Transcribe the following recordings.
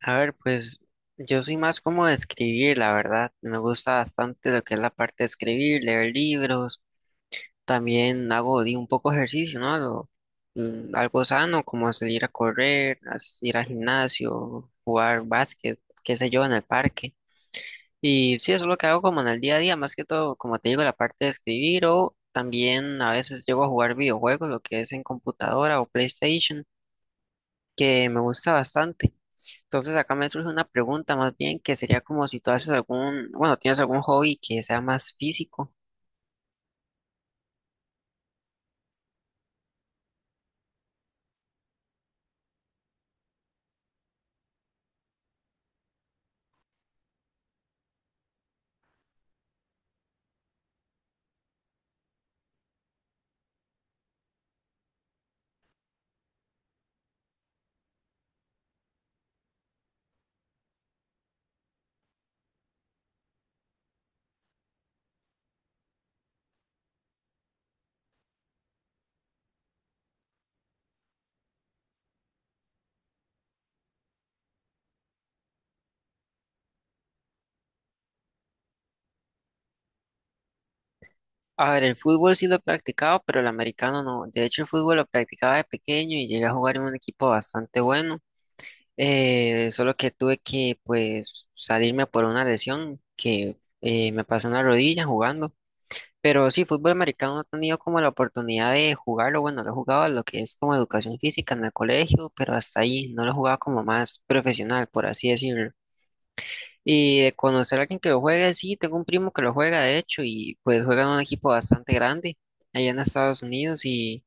A ver, pues yo soy más como de escribir, la verdad. Me gusta bastante lo que es la parte de escribir, leer libros. También hago un poco ejercicio, ¿no? Algo sano, como salir a correr, ir al gimnasio, jugar básquet, qué sé yo, en el parque. Y sí, eso es lo que hago como en el día a día, más que todo, como te digo, la parte de escribir o también a veces llego a jugar videojuegos, lo que es en computadora o PlayStation, que me gusta bastante. Entonces acá me surge una pregunta más bien que sería como si tú haces algún, bueno, tienes algún hobby que sea más físico. A ver, el fútbol sí lo he practicado, pero el americano no. De hecho, el fútbol lo practicaba de pequeño y llegué a jugar en un equipo bastante bueno. Solo que tuve que pues salirme por una lesión que me pasó en la rodilla jugando. Pero sí, fútbol americano no he tenido como la oportunidad de jugarlo. Bueno, lo he jugado a lo que es como educación física en el colegio, pero hasta ahí no lo he jugado como más profesional, por así decirlo. Y de conocer a alguien que lo juegue, sí, tengo un primo que lo juega, de hecho, y pues juega en un equipo bastante grande allá en Estados Unidos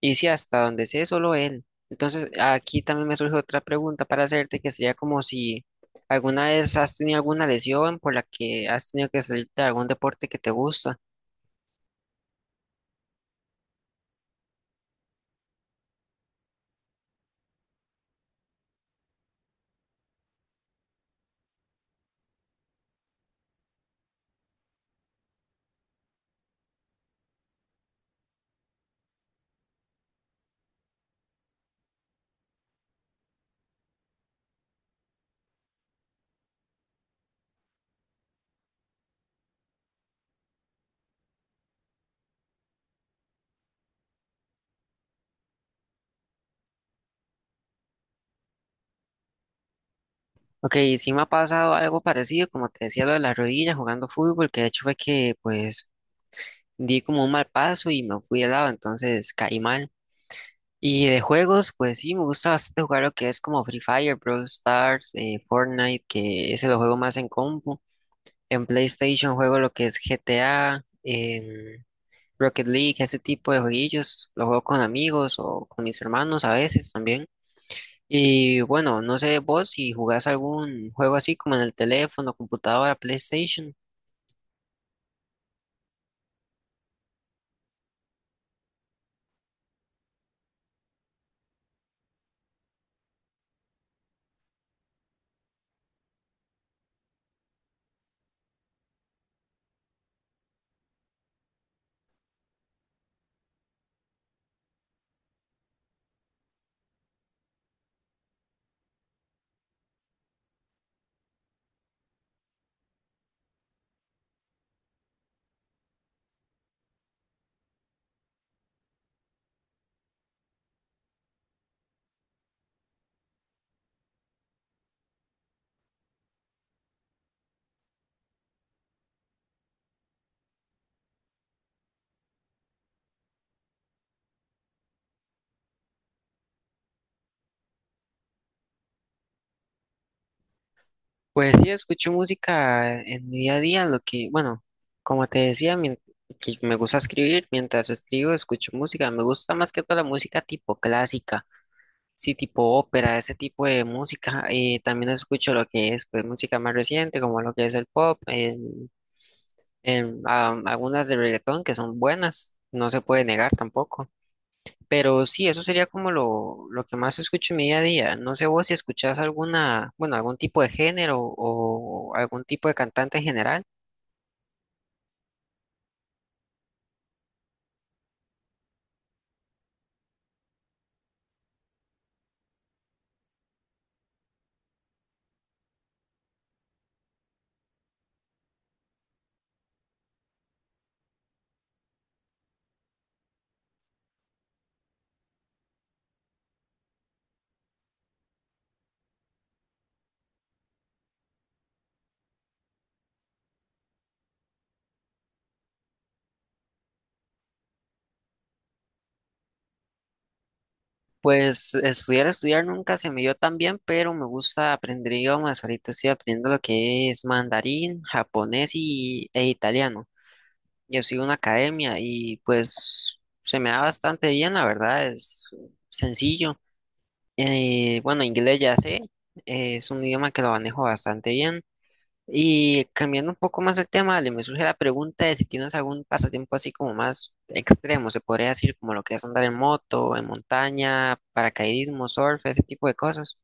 y sí, hasta donde sé, solo él. Entonces, aquí también me surge otra pregunta para hacerte, que sería como si alguna vez has tenido alguna lesión por la que has tenido que salir de algún deporte que te gusta. Ok, sí me ha pasado algo parecido, como te decía, lo de la rodilla jugando fútbol, que de hecho fue que pues di como un mal paso y me fui de lado, entonces caí mal. Y de juegos, pues sí, me gusta bastante jugar lo que es como Free Fire, Brawl Stars, Fortnite, que ese lo juego más en compu. En PlayStation juego lo que es GTA, Rocket League, ese tipo de jueguillos. Lo juego con amigos o con mis hermanos a veces también. Y bueno, no sé vos si jugás algún juego así como en el teléfono, computadora, PlayStation. Pues sí, escucho música en mi día a día, lo que, bueno, como te decía, que me gusta escribir, mientras escribo escucho música, me gusta más que todo la música tipo clásica, sí, tipo ópera, ese tipo de música, y también escucho lo que es, pues, música más reciente, como lo que es el pop, algunas de reggaetón que son buenas, no se puede negar tampoco. Pero sí, eso sería como lo que más escucho en mi día a día. No sé vos si escuchás alguna, bueno, algún tipo de género o algún tipo de cantante en general. Pues estudiar nunca se me dio tan bien, pero me gusta aprender idiomas. Ahorita estoy aprendiendo lo que es mandarín, japonés e italiano. Yo sigo una academia y pues se me da bastante bien, la verdad, es sencillo. Bueno, inglés ya sé, es un idioma que lo manejo bastante bien. Y cambiando un poco más el tema, Ale, me surge la pregunta de si tienes algún pasatiempo así como más extremo, se podría decir como lo que es andar en moto, en montaña, paracaidismo, surf, ese tipo de cosas.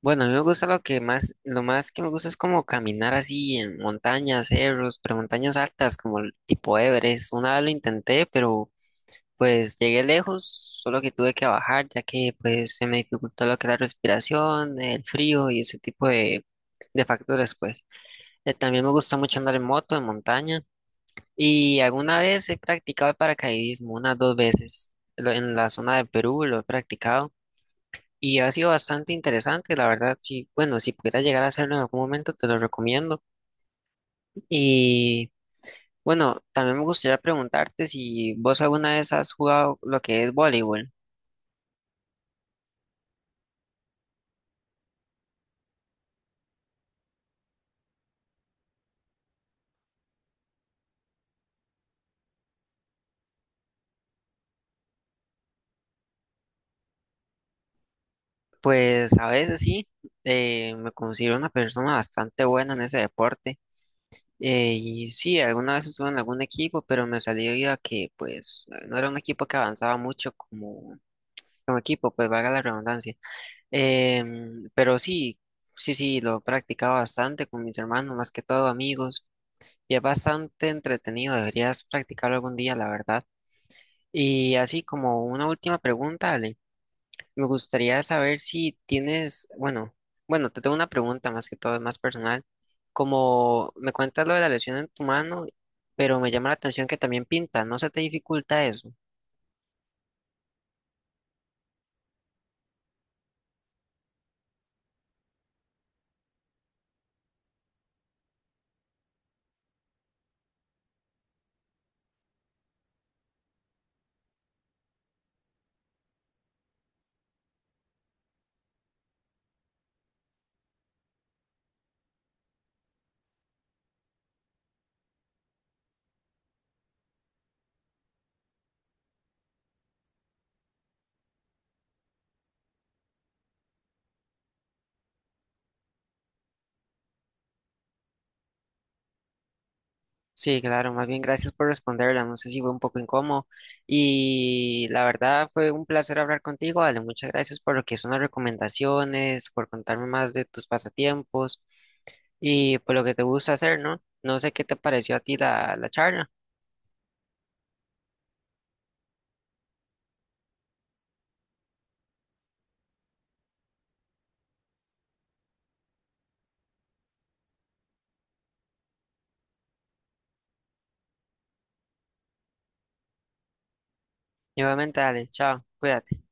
Bueno, a mí me gusta lo más que me gusta es como caminar así en montañas, cerros, pero montañas altas como el tipo Everest. Una vez lo intenté, pero pues llegué lejos, solo que tuve que bajar ya que pues se me dificultó lo que es la respiración, el frío y ese tipo de factores, pues. También me gusta mucho andar en moto, en montaña. Y alguna vez he practicado el paracaidismo, unas 2 veces. En la zona de Perú lo he practicado. Y ha sido bastante interesante, la verdad. Sí, bueno, si pudiera llegar a hacerlo en algún momento, te lo recomiendo. Y bueno, también me gustaría preguntarte si vos alguna vez has jugado lo que es voleibol. Pues a veces sí, me considero una persona bastante buena en ese deporte. Y sí, alguna vez estuve en algún equipo, pero me salió vida que, pues, no era un equipo que avanzaba mucho como, como equipo, pues, valga la redundancia. Pero sí, sí, lo practicaba bastante con mis hermanos, más que todo amigos, y es bastante entretenido, deberías practicarlo algún día, la verdad. Y así como una última pregunta, Ale. Me gustaría saber si tienes, bueno, te tengo una pregunta más que todo, es más personal. Como me cuentas lo de la lesión en tu mano, pero me llama la atención que también pinta, ¿no se te dificulta eso? Sí, claro, más bien gracias por responderla, no sé si fue un poco incómodo y la verdad fue un placer hablar contigo, Ale, muchas gracias por lo que son las recomendaciones, por contarme más de tus pasatiempos y por lo que te gusta hacer, ¿no? No sé qué te pareció a ti la charla. Nuevamente, Ale, chao, cuídate.